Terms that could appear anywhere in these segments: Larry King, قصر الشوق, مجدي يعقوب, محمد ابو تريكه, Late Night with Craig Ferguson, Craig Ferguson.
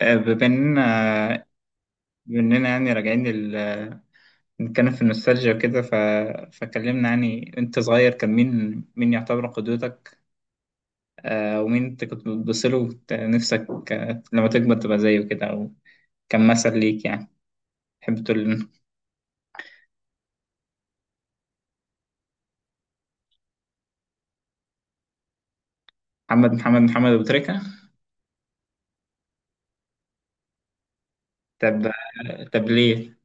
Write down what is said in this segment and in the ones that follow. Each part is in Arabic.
آه، بما اننا بما اننا يعني راجعين نتكلم في النوستالجيا وكده، فكلمنا، يعني انت صغير كان مين يعتبر قدوتك؟ ومين انت كنت بتبص له نفسك لما تكبر تبقى زيه كده، او كان مثل ليك يعني؟ تحب تقول؟ محمد ابو تريكه. طب، ليه؟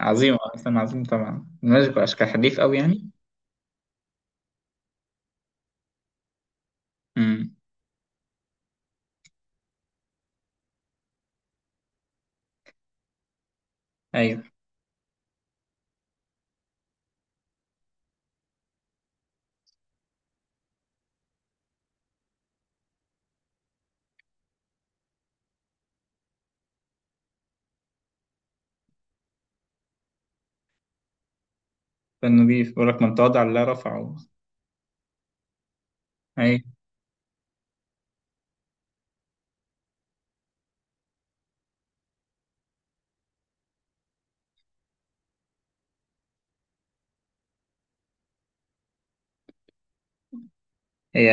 عظيم اصلا، عظيم طبعا، ماشي اشكال، حريف قوي يعني. امم. ايوه. فانه بيقول لك من تواضع لله رفعه. ايوه. هي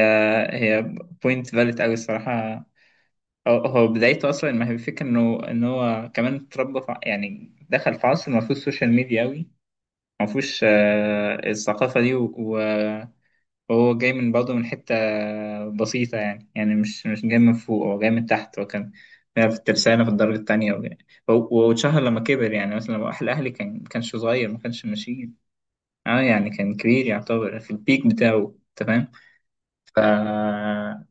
هي بوينت فاليد قوي الصراحه. هو بدايته اصلا، ما هي الفكره انه ان هو كمان اتربى يعني دخل في عصر ما فيهوش سوشيال ميديا قوي، ما فيهوش الثقافه دي وهو جاي من برضه من حته بسيطه يعني، يعني مش جاي من فوق، هو جاي من تحت. هو كان في الترسانه في الدرجه الثانيه، واتشهر لما كبر. يعني مثلا لما راح الاهلي، كان ما كانش صغير، ما كانش ماشيين. اه يعني كان كبير يعتبر في البيك بتاعه، تمام. ف...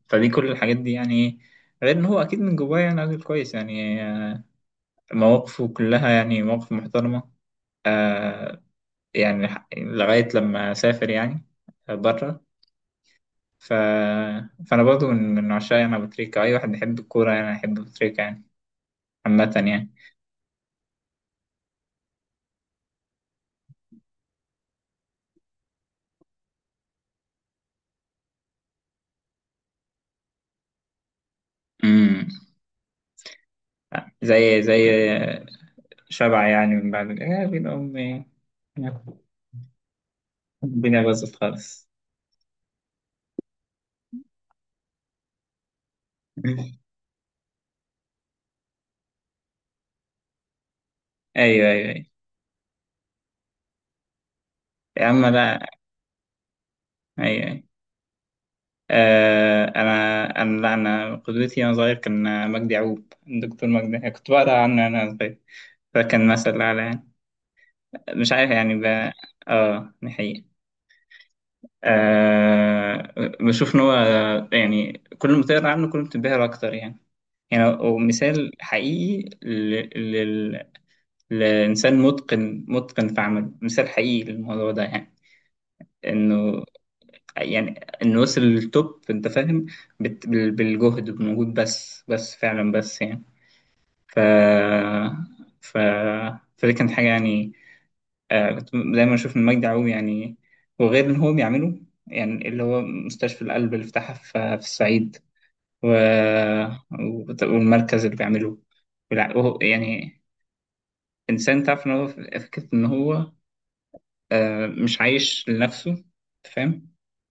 فدي كل الحاجات دي يعني. غير ان هو اكيد من جواه يعني راجل كويس يعني، مواقفه كلها يعني مواقف محترمة. آه، يعني لغاية لما سافر يعني، بره. ف... فانا برضو من عشاق يعني ابو تريكة. اي واحد يحب الكورة يعني يحب ابو تريكة يعني، عامة يعني. امم. زي شبع يعني، من بعد يا بين امي الدنيا باظت خالص. ايوه، ايوه، ايوه. يا عم لا. ايوه. انا لا، انا قدوتي وانا صغير كان مجدي يعقوب، الدكتور مجدي. كنت بقرا عنه وانا صغير، فكان مثل اعلى يعني. مش عارف يعني اه دي حقيقة. آه بشوف ان هو يعني كل ما تقرا عنه كل ما بتنبهر اكتر يعني. يعني هو مثال حقيقي لل... لانسان متقن متقن في عمله، مثال حقيقي للموضوع ده يعني، انه، يعني انه وصل للتوب، انت فاهم، بالجهد، بالمجهود، بس فعلا، بس يعني. ف ف فدي كانت حاجه يعني. كنت دايما اشوف ان مجدي يعقوب يعني، وغير ان هو بيعمله، يعني اللي هو مستشفى القلب اللي فتحها في الصعيد و... والمركز اللي بيعمله وهو يعني انسان، تعرف ان هو، فكره ان هو مش عايش لنفسه، أنت فاهم.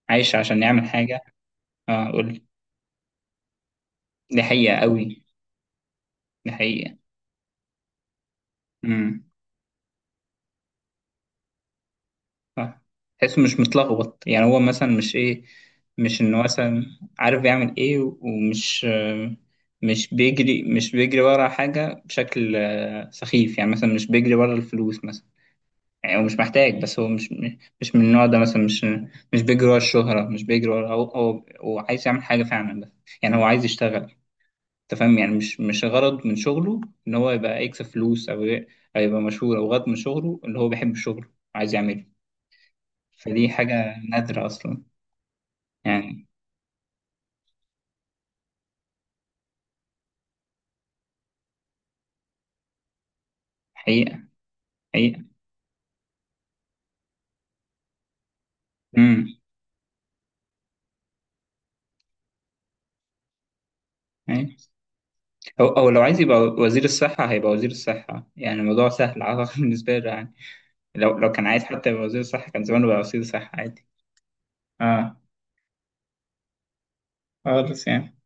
عايش عشان يعمل حاجه. اه قول. دي حقيقه قوي. دي حقيقة. امم. صح. تحسه مش متلخبط. يعني هو مثلا مش ايه، مش انه مثلا عارف يعمل ايه، ومش، مش بيجري ورا حاجة بشكل سخيف. يعني مثلا مش بيجري ورا الفلوس مثلا، يعني هو مش محتاج. بس هو مش، مش من النوع ده مثلا، مش، مش بيجري ورا الشهرة، مش بيجري ورا، هو عايز يعمل حاجة فعلا، بس. يعني هو عايز يشتغل، انت فاهم. يعني مش غرض من شغله ان هو يبقى يكسب فلوس او يبقى مشهور، او غرض من شغله ان هو بيحب شغله، عايز يعمله. فدي حاجة نادرة أصلا. يعني حقيقة، حقيقة. امم. أي. أو لو عايز يبقى وزير الصحة هيبقى وزير الصحة. يعني الموضوع سهل، أعتقد بالنسبة له يعني. لو كان عايز حتى يبقى وزير الصحة كان زمانه بقى وزير الصحة، عادي. اه. خالص يعني.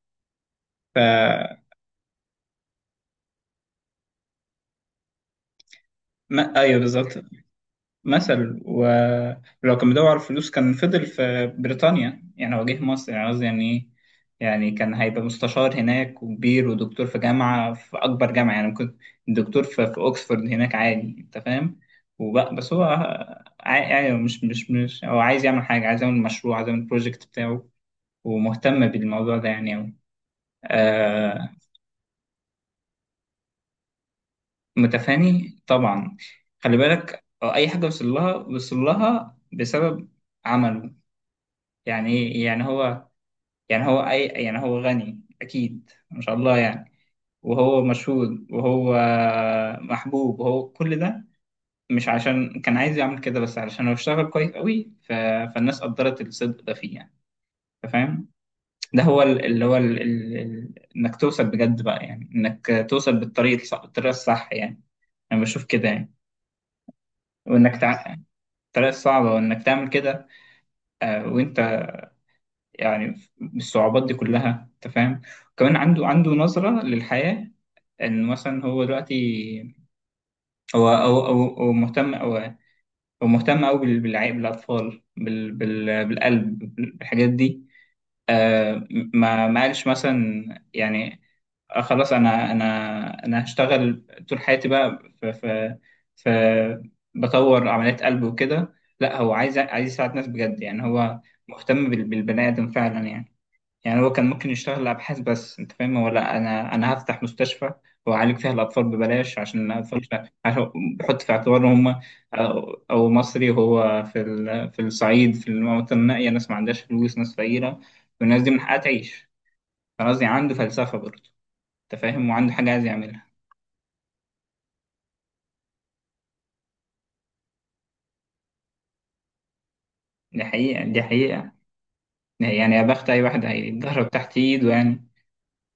ف ما أيوه، بالظبط. مثل، ولو كان بيدور على الفلوس كان فضل في بريطانيا. يعني هو جه مصر، يعني قصدي يعني ايه، يعني كان هيبقى مستشار هناك وكبير، ودكتور في جامعة، في أكبر جامعة يعني. كنت دكتور في أوكسفورد هناك عادي، أنت فاهم. وبقى، بس هو يعني مش هو عايز يعمل حاجة، عايز يعمل مشروع، عايز يعمل بروجكت بتاعه، ومهتم بالموضوع ده يعني أوي. آه. متفاني طبعا. خلي بالك، أي حاجة وصل لها، وصل لها بسبب عمله. يعني ايه، يعني هو، يعني هو اي، يعني هو غني اكيد ما شاء الله يعني، وهو مشهور، وهو محبوب، وهو كل ده مش عشان كان عايز يعمل كده، بس علشان هو اشتغل كويس قوي. فالناس قدرت الصدق ده فيه يعني، أنت فاهم. ده هو اللي هو انك توصل بجد بقى يعني، انك توصل بالطريق الصح، الطريقه الصح يعني. انا بشوف كده يعني. وانك تع... الطريقه الصعبه، وانك تعمل كده وانت يعني الصعوبات دي كلها، انت فاهم. كمان عنده، نظرة للحياة. ان مثلا هو دلوقتي هو او مهتم او، هو مهتم قوي بالعيب، بالاطفال، بال بالقلب، بالحاجات دي. آه ما قالش مثلا يعني، خلاص انا، انا هشتغل طول حياتي بقى ف ف ف بطور عمليات قلب وكده. لا، هو عايز، يساعد ناس بجد يعني. هو مهتم بالبني ادم فعلا يعني. يعني هو كان ممكن يشتغل أبحاث، بس أنت فاهم، هو لا، أنا، هفتح مستشفى وأعالج فيها الأطفال ببلاش عشان الأطفال، عشان بحط في اعتبار إن هم أو, أو مصري، هو في في الصعيد، في المناطق النائية، ناس ما عندهاش فلوس، ناس فقيرة، والناس دي من حقها تعيش. فقصدي عنده فلسفة برضه، أنت فاهم، وعنده حاجة عايز يعملها. دي حقيقة، دي حقيقة. يعني يا بخت أي واحد هيتضرب تحت إيده يعني.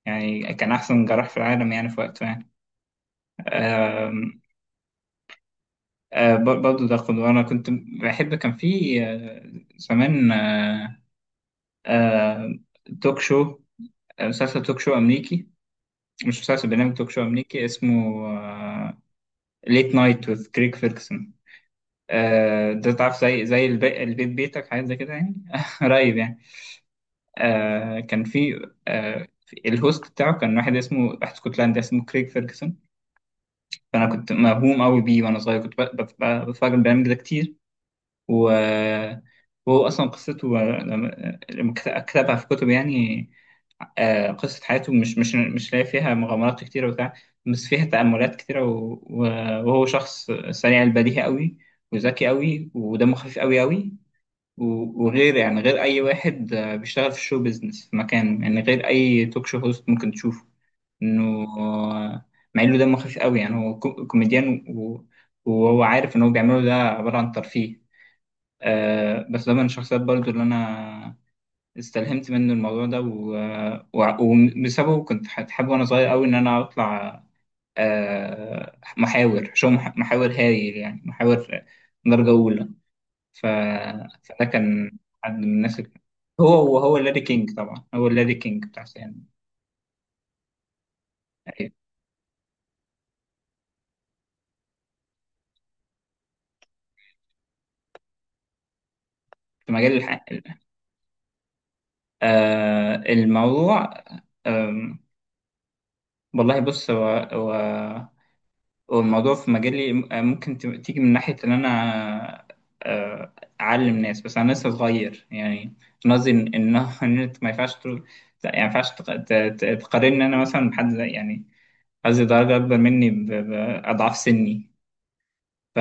يعني كان أحسن جراح في العالم يعني، في وقته يعني. برضه ده خد. وانا كنت بحب، كان في زمان، آه، توك شو، مسلسل توك شو امريكي، مش مسلسل، برنامج توك شو امريكي اسمه ليت نايت وذ كريك فيركسون. ده تعرف، زي البيت بيتك، حاجات زي كده يعني، قريب يعني. كان في الهوست بتاعه كان واحد اسمه، واحد اسكتلندي اسمه كريك فيركسون. فانا كنت مهووم قوي بيه وانا صغير. كنت بتفرج على البرنامج ده كتير و وهو أصلا قصته، لما كتبها في كتب يعني، قصة حياته، مش، مش لاقي فيها مغامرات كتيرة وبتاع، بس فيها تأملات كتيرة وهو شخص سريع البديهة قوي، وذكي قوي، ودمه خفيف قوي قوي. وغير يعني غير أي واحد بيشتغل في الشو بيزنس في مكان يعني، غير أي توك شو هوست ممكن تشوفه. إنه مع إنه دمه خفيف قوي، يعني هو كوميديان، وهو عارف إن هو بيعمله ده عبارة عن ترفيه. بس ده من الشخصيات برضو اللي انا استلهمت منه الموضوع ده، وبسببه كنت حابب وانا صغير قوي ان انا اطلع محاور شو، محاور هايل يعني، محاور درجة أولى. ف... فده كان حد من الناس اللي، وهو لاري كينج طبعا، هو لاري كينج بتاع سيان. أيوة. في مجال الحق، الموضوع، آم، والله بص. هو، والموضوع في مجالي ممكن تيجي من ناحية إن أنا آه، أعلم ناس. بس أنا لسه صغير يعني. أنا قصدي إن إن أنت ما ينفعش يعني ما ينفعش تقارن أنا مثلا بحد يعني قصدي درجة أكبر مني بأضعاف سني. ف-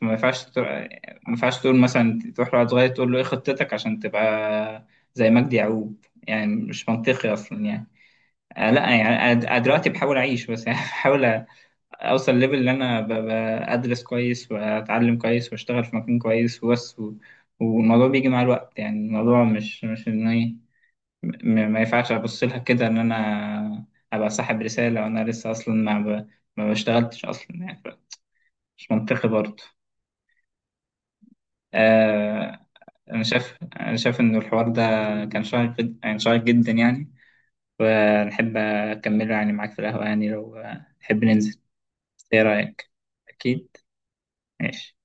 فما ينفعش ما ينفعش تقول مثلا تروح لواحد صغير تقول له إيه خطتك عشان تبقى زي مجدي يعقوب؟ يعني مش منطقي أصلا يعني. لا يعني أنا، دلوقتي بحاول أعيش بس، يعني بحاول اوصل ليفل اللي انا بدرس كويس، واتعلم كويس، واشتغل في مكان كويس وبس والموضوع بيجي مع الوقت يعني. الموضوع مش، ان ايه، ما ينفعش ابص لها كده ان انا ابقى صاحب رسالة وانا لسه اصلا ما ما بشتغلتش اصلا يعني. مش منطقي برضه. آه... انا شايف، ان الحوار ده كان شيق يعني شيق جدا يعني، ونحب اكمله يعني معاك في القهوة يعني، لو تحب ننزل. ايه رأيك؟ اكيد. ماشي.